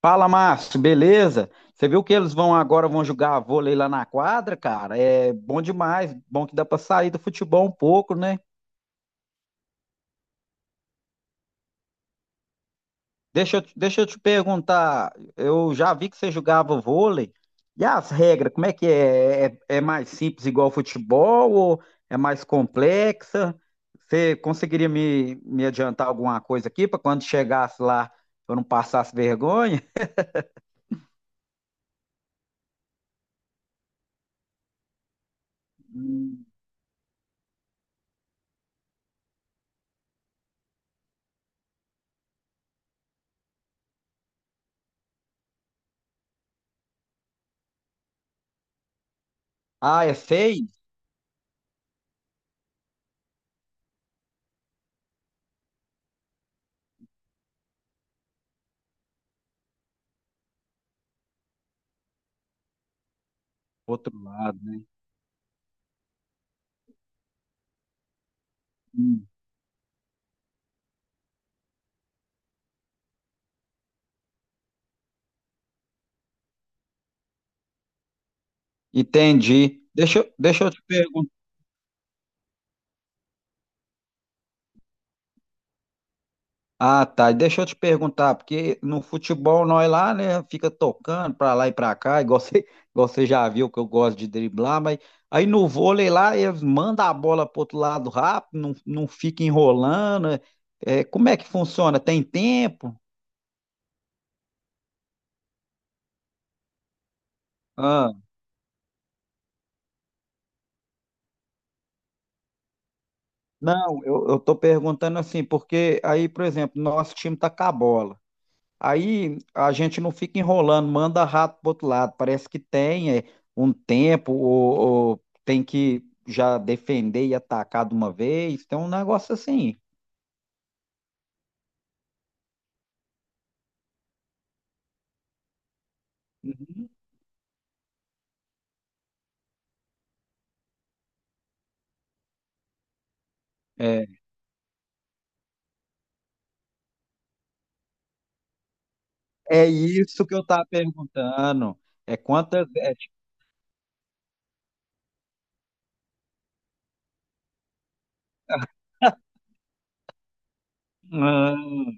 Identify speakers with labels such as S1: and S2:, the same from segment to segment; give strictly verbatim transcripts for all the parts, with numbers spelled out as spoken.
S1: Fala, Márcio, beleza? Você viu que eles vão agora vão jogar vôlei lá na quadra, cara? É bom demais, bom que dá pra sair do futebol um pouco, né? Deixa eu, te- deixa eu te perguntar, eu já vi que você jogava vôlei. E as regras, como é que é? É, é é mais simples igual futebol ou é mais complexa? Você conseguiria me, me adiantar alguma coisa aqui para quando chegasse lá eu não passasse vergonha? Hum. Ah, é seis? Outro lado, né? Hum. Entendi. Deixa, eu- deixa eu te perguntar. Ah, tá. Deixa eu te perguntar, porque no futebol nós lá, né, fica tocando pra lá e pra cá, igual você, igual você já viu que eu gosto de driblar, mas aí no vôlei lá eles mandam a bola pro outro lado rápido, não, não fica enrolando. É, é, como é que funciona? Tem tempo? Ah, não, eu, eu tô perguntando assim, porque aí, por exemplo, nosso time tá com a bola. Aí a gente não fica enrolando, manda rato pro outro lado. Parece que tem é, um tempo, ou, ou tem que já defender e atacar de uma vez. Tem um negócio assim. Uhum. É, é isso que eu estava perguntando. É quantas. É, ah,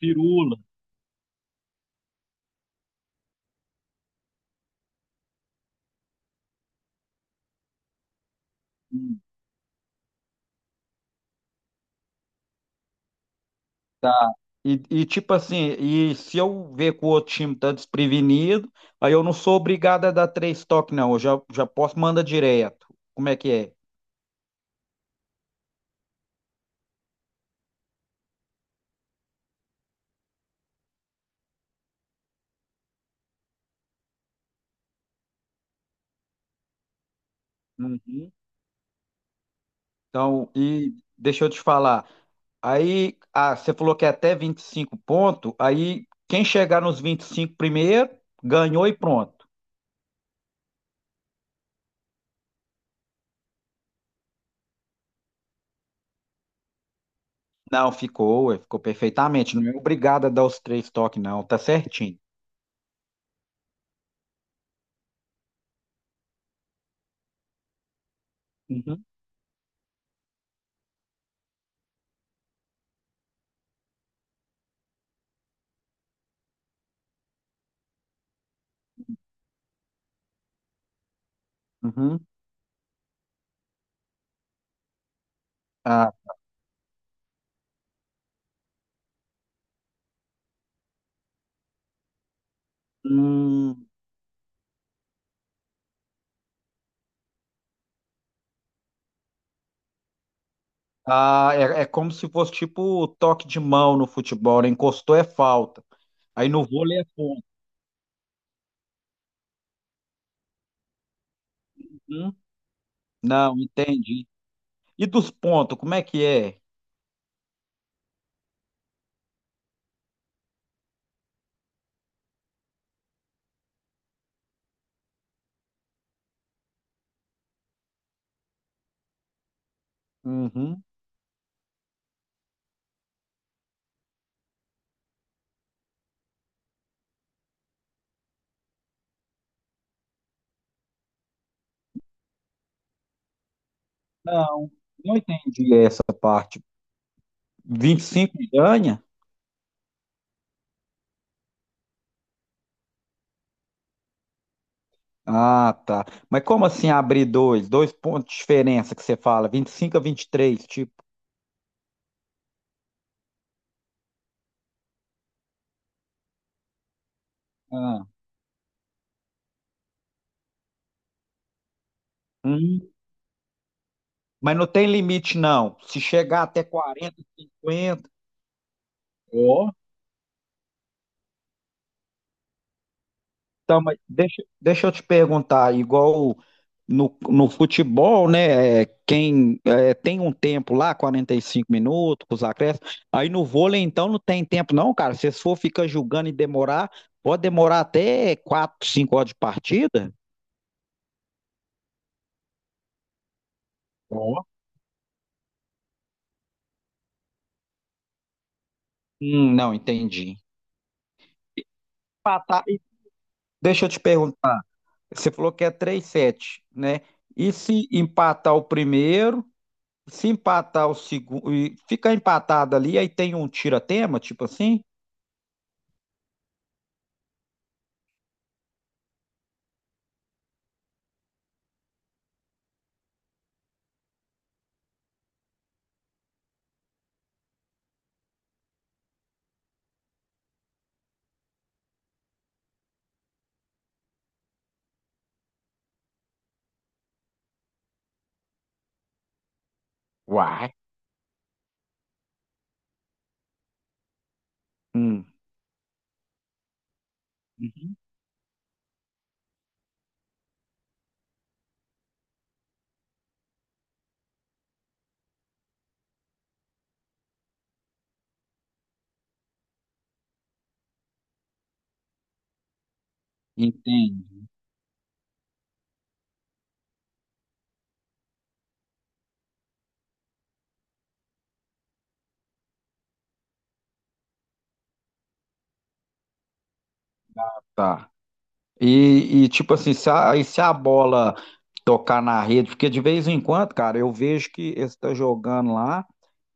S1: firula. Hum. E, e, tipo assim, e se eu ver que o outro time tá desprevenido, aí eu não sou obrigado a dar três toques, não. Eu já, já posso mandar direto. Como é que é? Uhum. Então, e deixa eu te falar. Aí, ah, você falou que é até vinte e cinco pontos, aí quem chegar nos vinte e cinco primeiro, ganhou e pronto. Não, ficou, ué, ficou perfeitamente. Não é obrigado a dar os três toques, não, tá certinho. Uhum. Uhum. Ah, hum, ah, é, é como se fosse tipo toque de mão no futebol, né? Encostou é falta. Aí no vôlei é ponto. Hum? Não, entendi. E dos pontos, como é que é? Uhum. Não, não entendi essa parte. Vinte e cinco ganha. Ah, tá. Mas como assim abrir dois? Dois pontos de diferença que você fala, vinte e cinco a vinte e três, tipo. Ah, hum. Mas não tem limite, não. Se chegar até quarenta, cinquenta. Então, mas deixa, deixa eu te perguntar, igual no, no futebol, né? É, quem é, tem um tempo lá, quarenta e cinco minutos, com os acréscimos, aí no vôlei então não tem tempo, não, cara. Se for ficar julgando e demorar, pode demorar até quatro, cinco horas de partida? Ó. Hum, não, entendi. Empatar, e deixa eu te perguntar, você falou que é três sete, né? E se empatar o primeiro? Se empatar o segundo, e ficar empatado ali, aí tem um tira-tema, tipo assim? Uai. Hum. Uhum. Entendo, tá. E, e, tipo assim, se a, aí se a bola tocar na rede, porque de vez em quando, cara, eu vejo que eles estão jogando lá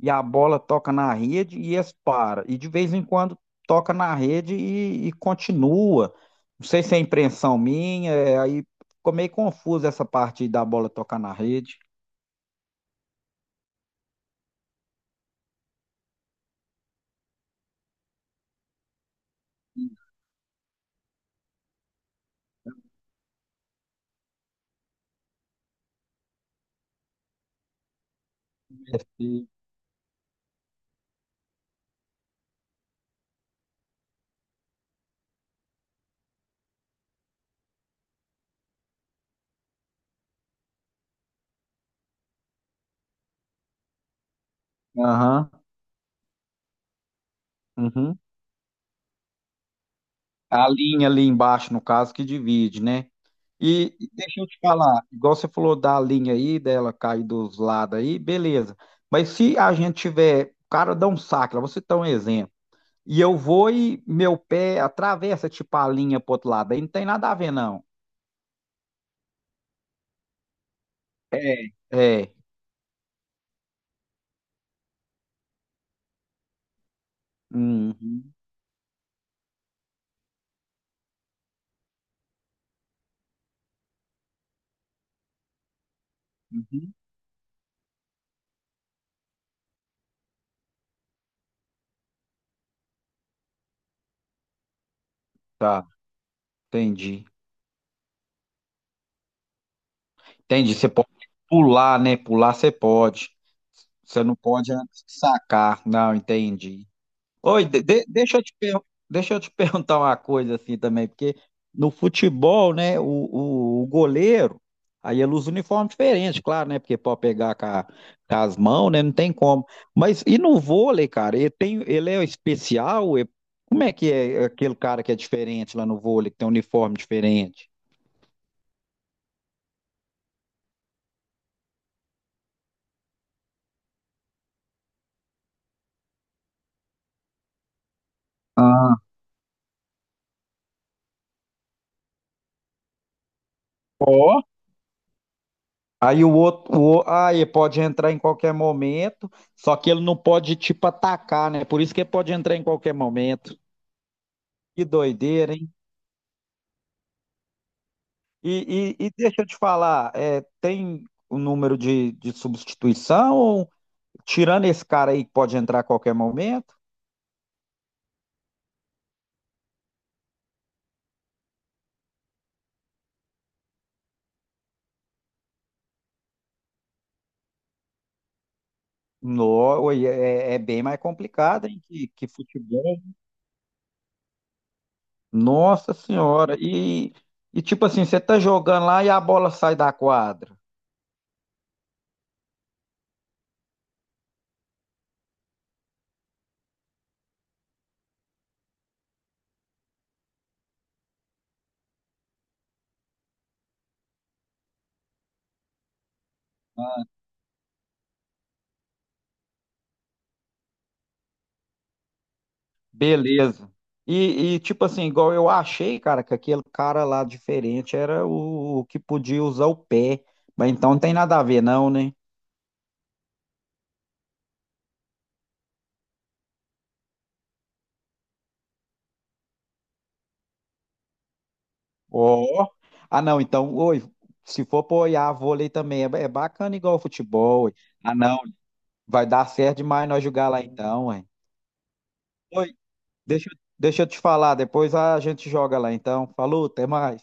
S1: e a bola toca na rede e eles param. E de vez em quando toca na rede e, e continua. Não sei se é impressão minha, é, aí ficou meio confuso essa parte da bola tocar na rede. Esse- Aham. Uhum. A linha ali embaixo, no caso, que divide, né? E, e deixa eu te falar, igual você falou da linha aí, dela cair dos lados aí, beleza. Mas se a gente tiver, o cara dá um saque, lá, você dá um exemplo, e eu vou e meu pé atravessa, tipo, a linha pro outro lado, aí não tem nada a ver, não. É. É. Uhum, uhum. Tá, entendi. Entendi. Você pode pular, né? Pular você pode. Você não pode antes de sacar. Não, entendi. Oi, de- de- deixa eu te, per- deixa eu te perguntar uma coisa assim também, porque no futebol, né, o, o, o goleiro, aí ele usa uniforme diferente, claro, né, porque pode pegar com, a- com as mãos, né, não tem como. Mas e no vôlei, cara, ele tem, ele é especial? Ele- como é que é aquele cara que é diferente lá no vôlei, que tem um uniforme diferente? Ah, ó, aí o outro, o, o- ah, ele pode entrar em qualquer momento, só que ele não pode, tipo, atacar, né, por isso que ele pode entrar em qualquer momento. Que doideira, hein? E, e- e deixa eu te falar, é, tem o número de, de substituição? Ou, tirando esse cara aí que pode entrar a qualquer momento? No, oi, é, é bem mais complicado, hein? Que, que futebol. Nossa Senhora. E, e tipo assim, você tá jogando lá e a bola sai da quadra. Beleza. E, e, tipo assim, igual eu achei, cara, que aquele cara lá diferente era o, o que podia usar o pé. Mas então não tem nada a ver, não, né? Ó. Ah, não, então, oi, se for apoiar vôlei também, é, ba- é bacana igual o futebol. Ué. Ah, não, vai dar certo demais nós jogar lá então, ué. Oi, deixa, eu- deixa eu te falar, depois a gente joga lá então. Falou, até mais.